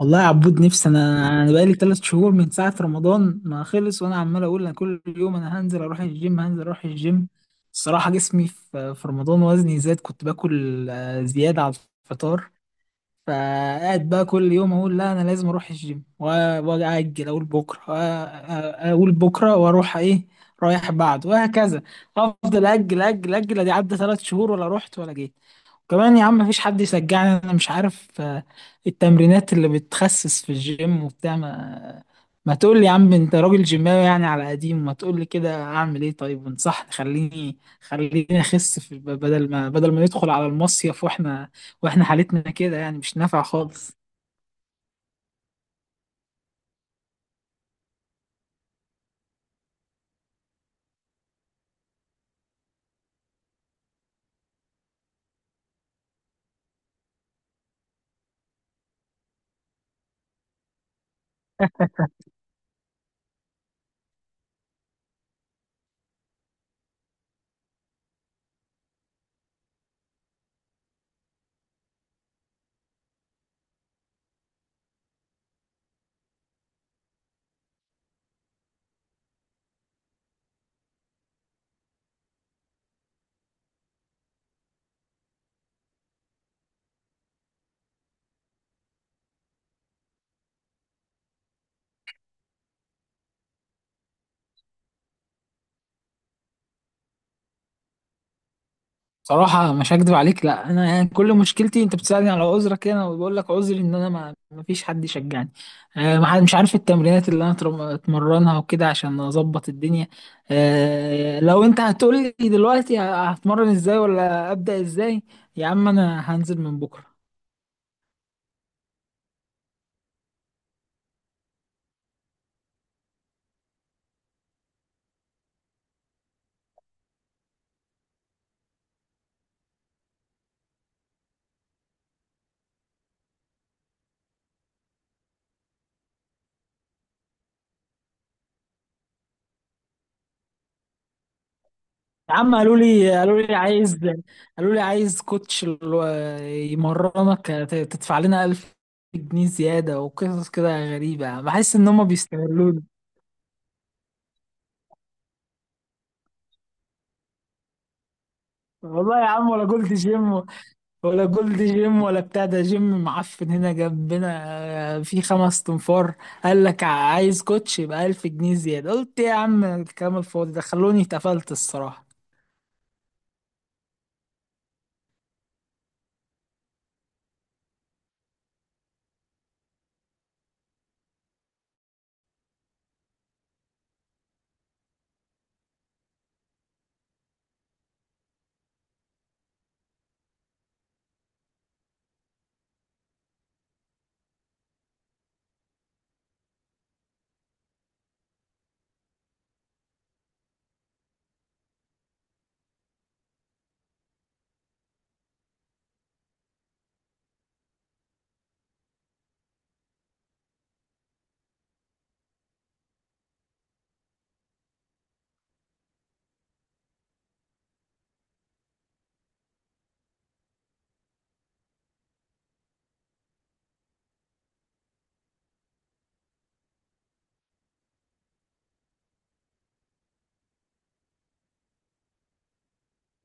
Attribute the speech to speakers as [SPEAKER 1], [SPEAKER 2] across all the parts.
[SPEAKER 1] والله يا عبود، نفسي. انا بقالي ثلاث شهور من ساعه رمضان ما خلص، وانا عمال اقول انا كل يوم انا هنزل اروح الجيم، هنزل اروح الجيم. الصراحه جسمي في رمضان وزني زاد، كنت باكل زياده على الفطار. فقاعد بقى كل يوم اقول لا انا لازم اروح الجيم واجل اقول بكره، اقول بكره واروح ايه، رايح بعد، وهكذا. افضل اجل اجل، ادي عدى ثلاث شهور ولا رحت ولا جيت. كمان يا عم، مفيش حد يشجعني، انا مش عارف. التمرينات اللي بتخسس في الجيم وبتاع، ما تقول لي يا عم، انت راجل جيماوي يعني على قديم ما، تقول لي كده اعمل ايه؟ طيب انصحني، خليني اخس، في بدل ما، بدل ما ندخل على المصيف واحنا حالتنا كده، يعني مش نافع خالص. صراحة مش هكدب عليك، لا أنا يعني كل مشكلتي، أنت بتسألني على عذرك أنا، وبقول لك عذري إن أنا ما فيش حد يشجعني. ما حد- مش عارف التمرينات اللي أنا أتمرنها وكده عشان أظبط الدنيا. لو أنت هتقول لي دلوقتي هتمرن إزاي ولا أبدأ إزاي، يا عم أنا هنزل من بكرة. يا عم، قالوا لي قالوا لي عايز كوتش يمرنك، تدفع لنا 1000 جنيه زيادة وقصص كده غريبة، بحس إن هما بيستغلوني. والله يا عم، ولا جولد جيم ولا بتاع، ده جيم معفن هنا جنبنا. في خمس تنفار، قال لك عايز كوتش يبقى 1000 جنيه زيادة. قلت يا عم الكلام الفاضي ده خلوني، اتقفلت الصراحة.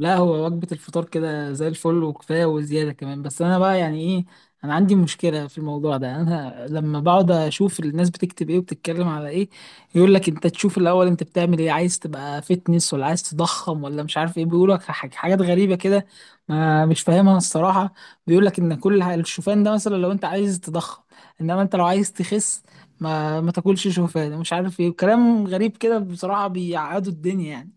[SPEAKER 1] لا هو وجبة الفطار كده زي الفل وكفاية وزيادة كمان، بس أنا بقى يعني إيه، أنا عندي مشكلة في الموضوع ده. أنا لما بقعد أشوف الناس بتكتب إيه وبتتكلم على إيه، يقول لك أنت تشوف الأول أنت بتعمل إيه، عايز تبقى فتنس، ولا عايز تضخم، ولا مش عارف إيه، بيقول لك حاجات غريبة كده، ما مش فاهمها الصراحة. بيقول لك إن كل الشوفان ده مثلا لو أنت عايز تضخم، إنما أنت لو عايز تخس ما تاكلش شوفان، مش عارف إيه، وكلام غريب كده بصراحة، بيعقدوا الدنيا يعني.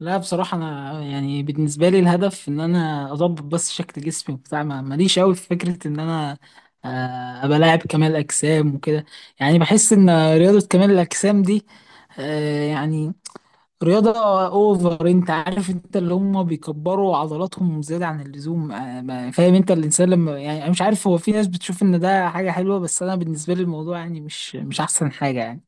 [SPEAKER 1] لا بصراحة، أنا يعني بالنسبة لي الهدف إن أنا أضبط بس شكل جسمي وبتاع، ماليش أوي في فكرة إن أنا أبقى لاعب كمال أجسام وكده. يعني بحس إن رياضة كمال الأجسام دي يعني رياضة أوفر، أنت عارف، أنت اللي هم بيكبروا عضلاتهم زيادة عن اللزوم. فاهم، أنت الإنسان لما، يعني أنا مش عارف، هو في ناس بتشوف إن ده حاجة حلوة، بس أنا بالنسبة لي الموضوع يعني مش أحسن حاجة يعني.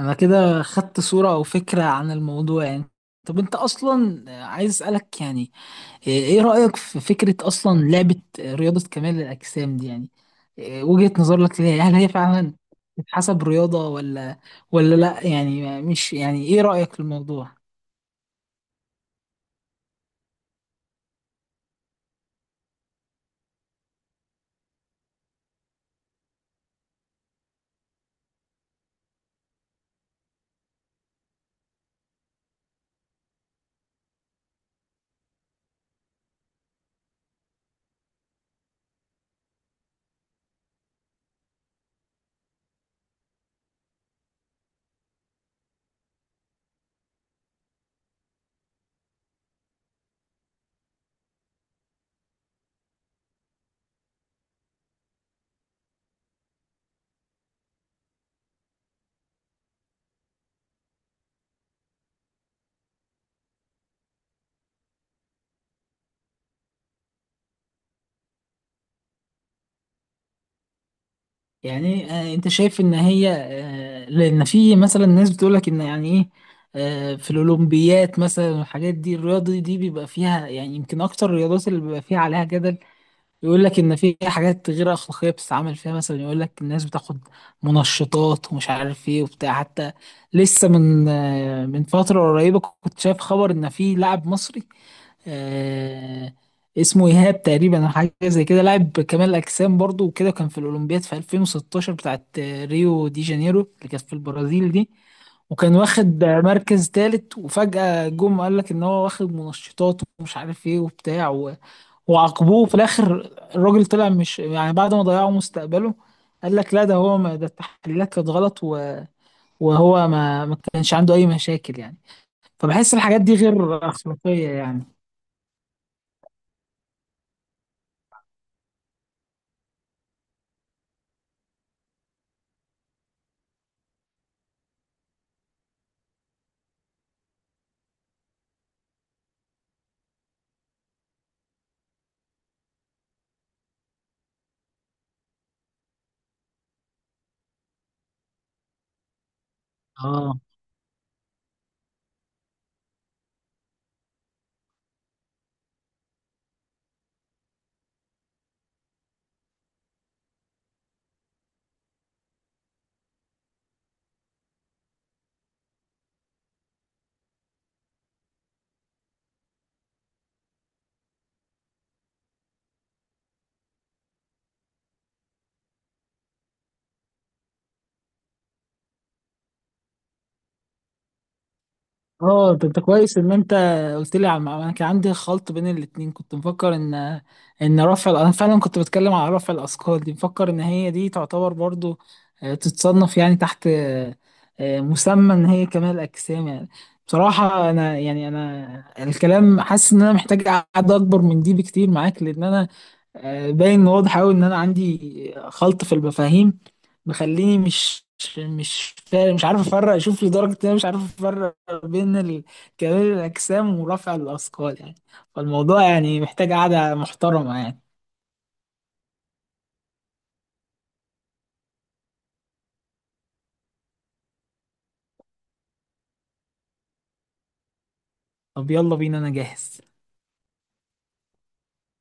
[SPEAKER 1] انا كده خدت صورة او فكرة عن الموضوع يعني. طب انت اصلا عايز اسألك، يعني ايه، إيه رأيك في فكرة اصلا لعبة رياضة كمال الاجسام دي يعني؟ إيه وجهة نظرك ليها؟ هل هي فعلا تتحسب رياضة ولا ولا لا، يعني مش يعني، ايه رأيك في الموضوع يعني؟ انت شايف ان هي، لان في مثلا ناس بتقولك ان، يعني ايه، في الاولمبيات مثلا والحاجات دي، الرياضه دي بيبقى فيها يعني يمكن اكتر الرياضات اللي بيبقى فيها عليها جدل. يقول لك ان في حاجات غير اخلاقيه بتتعمل فيها، مثلا يقول لك الناس بتاخد منشطات ومش عارف ايه وبتاع. حتى لسه من من فتره قريبه كنت شايف خبر ان في لاعب مصري آه، اسمه ايهاب تقريبا او حاجه زي كده، لاعب كمال اجسام برضو وكده، كان في الاولمبياد في 2016 بتاعت ريو دي جانيرو اللي كانت في البرازيل دي، وكان واخد مركز ثالث. وفجاه جم قال لك ان هو واخد منشطات ومش عارف ايه وبتاع، وعاقبوه. وفي الاخر الراجل طلع مش يعني، بعد ما ضيعوا مستقبله، قال لك لا ده هو، ما ده التحليلات كانت غلط، وهو ما كانش عنده اي مشاكل يعني. فبحس الحاجات دي غير اخلاقية يعني. اه. اه، طب ده كويس ان انت قلت لي على المعلومة. انا كان عندي خلط بين الاتنين، كنت مفكر ان، ان انا فعلا كنت بتكلم على رفع الاثقال دي، مفكر ان هي دي تعتبر برضو تتصنف يعني تحت مسمى ان هي كمال الاجسام يعني. بصراحة انا يعني، انا الكلام حاسس ان انا محتاج قعدة اكبر من دي بكتير معاك، لان انا باين واضح أوي إن أنا عندي خلط في المفاهيم، مخليني مش فارق، مش عارف أفرق، شوف لدرجة إن أنا مش عارف أفرق بين كمال الأجسام ورفع الأثقال يعني. فالموضوع يعني محتاج قعدة محترمة يعني. طب يلا بينا أنا جاهز.